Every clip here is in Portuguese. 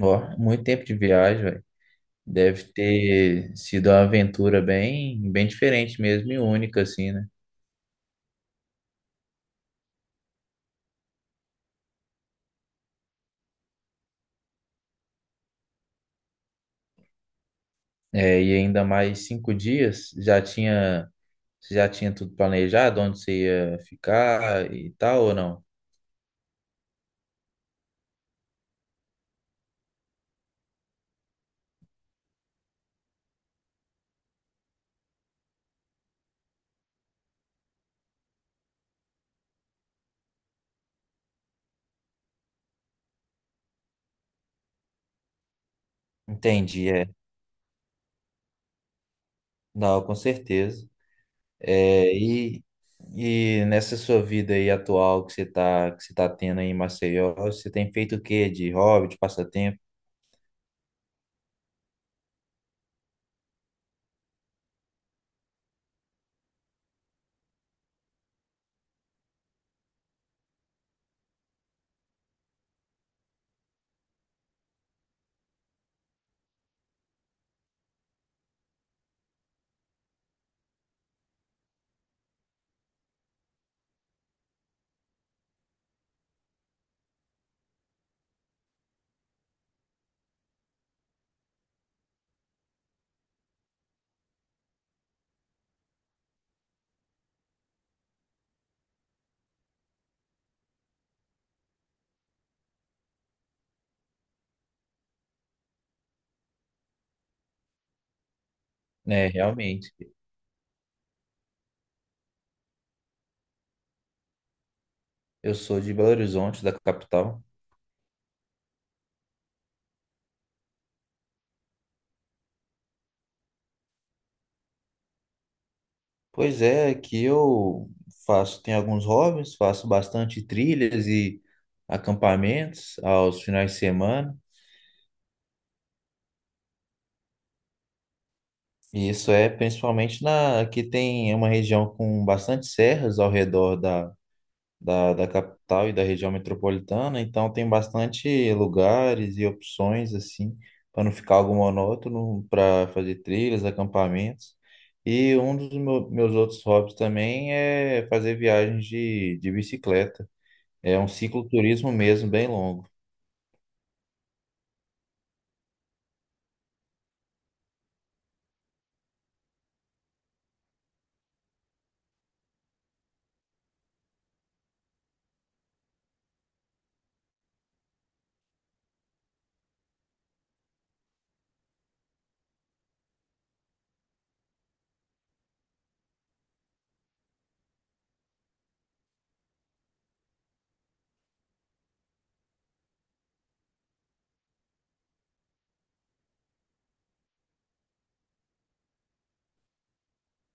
Ó, muito tempo de viagem, velho. Deve ter sido uma aventura bem diferente mesmo e única, assim, né? É, ainda mais 5 dias, você já tinha tudo planejado, onde você ia ficar e tal, ou não? Entendi, é. Não, com certeza. É, e, e nessa sua vida aí atual que você tá tendo aí em Maceió, você tem feito o quê? De hobby, de passatempo? É, realmente. Eu sou de Belo Horizonte, da capital. Pois é, que eu faço, tenho alguns hobbies, faço bastante trilhas e acampamentos aos finais de semana. E isso é principalmente na aqui tem uma região com bastante serras ao redor da capital e da região metropolitana, então tem bastante lugares e opções assim para não ficar algo monótono para fazer trilhas, acampamentos. E um dos meus outros hobbies também é fazer viagens de bicicleta. É um cicloturismo mesmo, bem longo.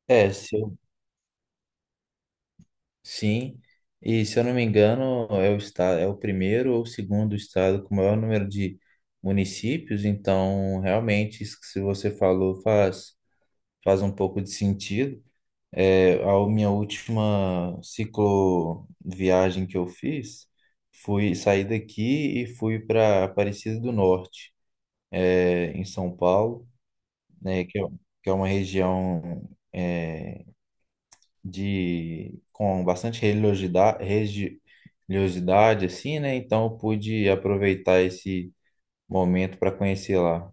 É, se eu- sim. E se eu não me engano, é o estado, é o primeiro ou o segundo estado com o maior número de municípios, então realmente isso que se você falou faz um pouco de sentido. É, a minha última cicloviagem que eu fiz, fui sair daqui e fui para Aparecida do Norte, é, em São Paulo, né, que é, que é uma região é, de com bastante religiosidade assim, né? Então eu pude aproveitar esse momento para conhecer lá.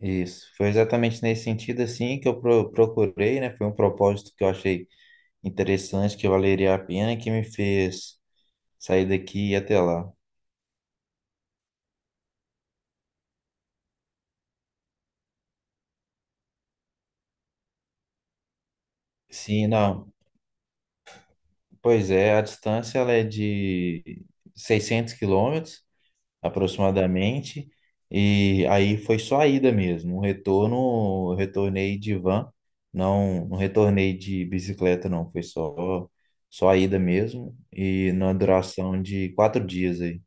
Isso. Foi exatamente nesse sentido assim que eu procurei, né? Foi um propósito que eu achei interessante, que valeria a pena e que me fez sair daqui e ir até lá. Sim, não. Pois é, a distância ela é de 600 quilômetros aproximadamente. E aí foi só a ida mesmo. O retorno, eu retornei de van, não, não retornei de bicicleta, não. Só a ida mesmo. E na duração de 4 dias aí.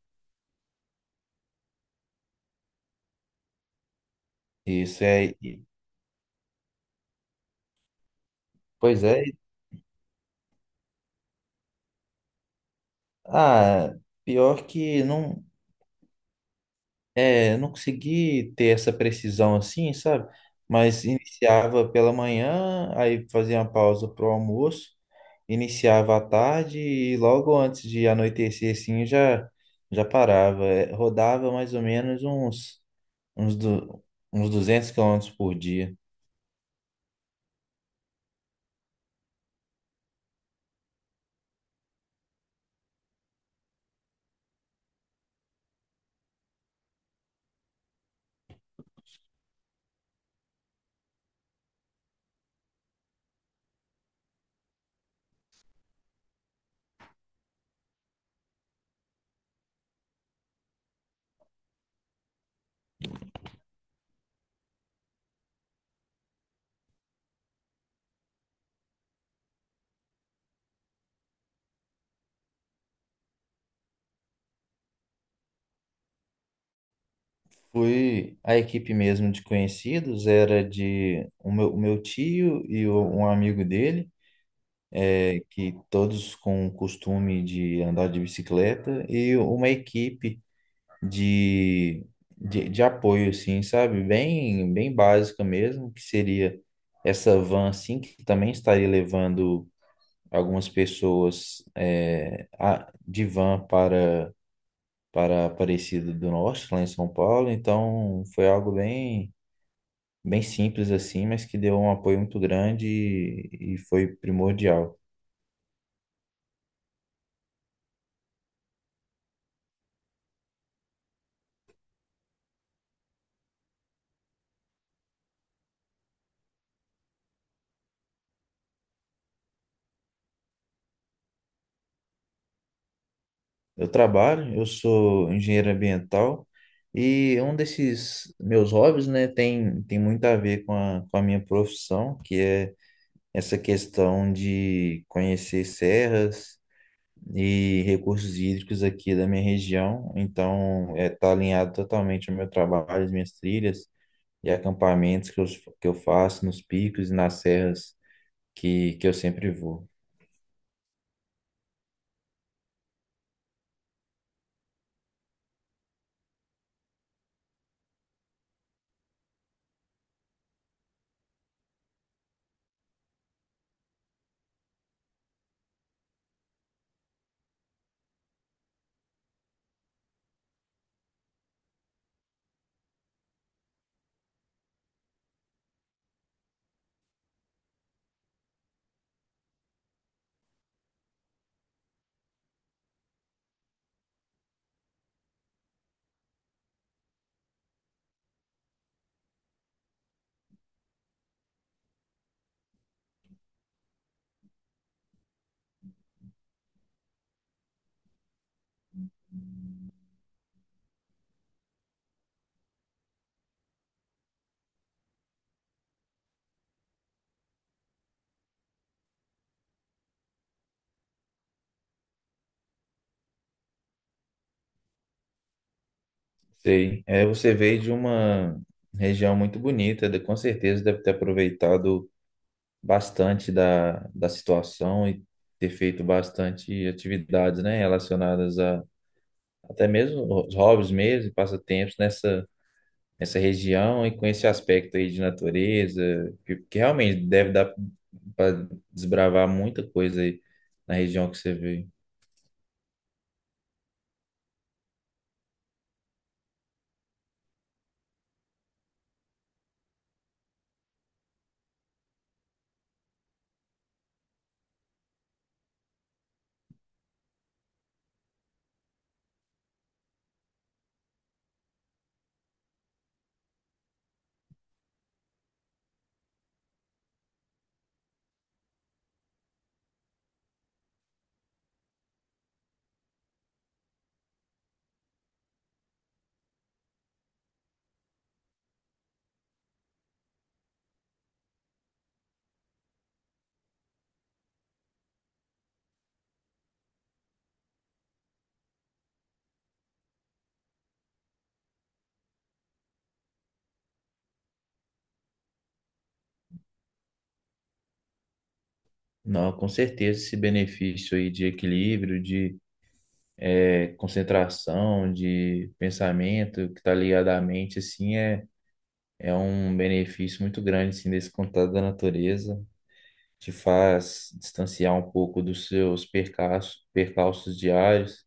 Isso é. Pois é. Ah, pior que não, não consegui ter essa precisão assim, sabe? Mas iniciava pela manhã, aí fazia uma pausa pro almoço. Iniciava à tarde e logo antes de anoitecer, assim, já parava. É, rodava mais ou menos uns, du, uns 200 quilômetros por dia. Fui a equipe mesmo de conhecidos, era de o meu tio e um amigo dele, é, que todos com o costume de andar de bicicleta, e uma equipe de, de apoio, assim, sabe? Bem básica mesmo, que seria essa van, assim, que também estaria levando algumas pessoas é, de van para Aparecida do Norte, lá em São Paulo. Então, foi algo bem simples, assim, mas que deu um apoio muito grande e foi primordial. Eu trabalho, eu sou engenheiro ambiental e um desses meus hobbies, né, tem muito a ver com a minha profissão, que é essa questão de conhecer serras e recursos hídricos aqui da minha região. Então, é, tá alinhado totalmente ao meu trabalho, às minhas trilhas e acampamentos que eu faço nos picos e nas serras que eu sempre vou. Sei. É, você veio de uma região muito bonita, com certeza deve ter aproveitado bastante da situação e ter feito bastante atividades, né, relacionadas a até mesmo os hobbies mesmo, passatempos nessa região e com esse aspecto aí de natureza, que realmente deve dar para desbravar muita coisa aí na região que você veio. Não, com certeza esse benefício aí de equilíbrio, de concentração, de pensamento que está ligado à mente, assim, é, é um benefício muito grande, assim, desse contato da natureza. Te faz distanciar um pouco dos seus percalços, percalços diários.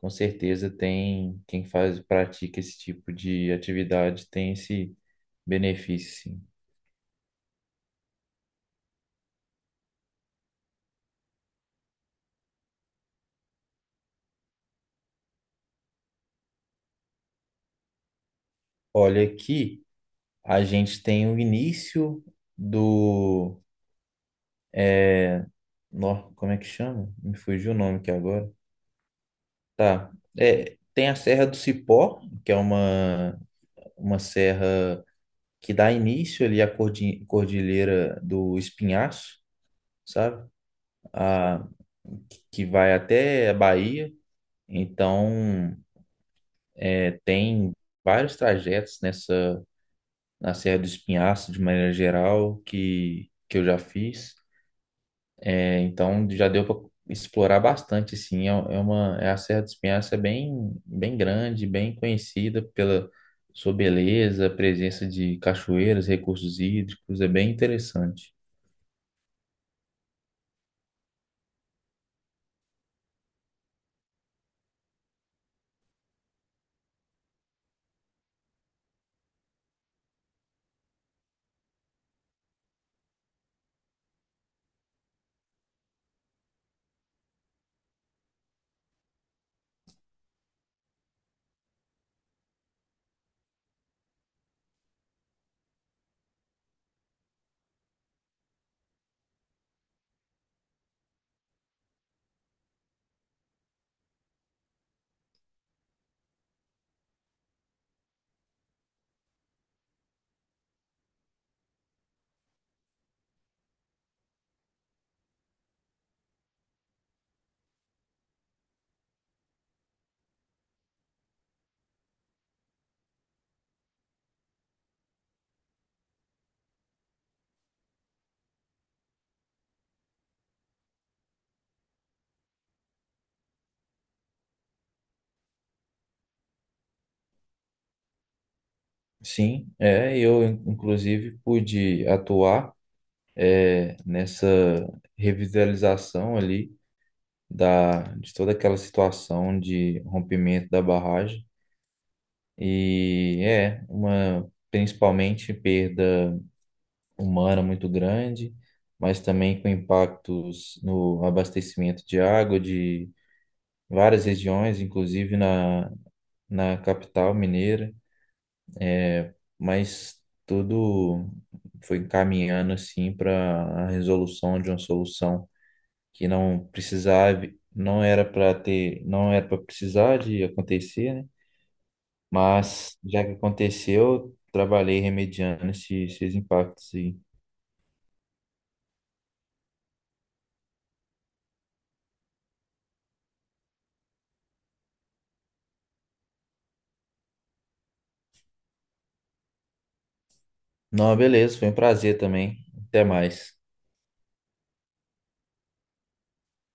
Com certeza tem quem faz, pratica esse tipo de atividade, tem esse benefício, sim. Olha aqui, a gente tem o início do... É, nó- como é que chama? Me fugiu o nome aqui agora. Tá. É, tem a Serra do Cipó, que é uma serra que dá início ali à Cordilheira do Espinhaço, sabe? A, que vai até a Bahia. Então, é, tem vários trajetos nessa na Serra do Espinhaço, de maneira geral, que eu já fiz. É, então já deu para explorar bastante, sim. É, é uma é a Serra do Espinhaço é bem grande, bem conhecida pela sua beleza, presença de cachoeiras, recursos hídricos, é bem interessante. Sim, é, eu inclusive pude atuar é, nessa revitalização ali da de toda aquela situação de rompimento da barragem e é uma principalmente perda humana muito grande, mas também com impactos no abastecimento de água de várias regiões, inclusive na capital mineira, mas tudo foi encaminhando assim para a resolução de uma solução que não precisava, não era para ter, não era para precisar de acontecer, né? Mas já que aconteceu, trabalhei remediando esses impactos e não, beleza, foi um prazer também. Até mais.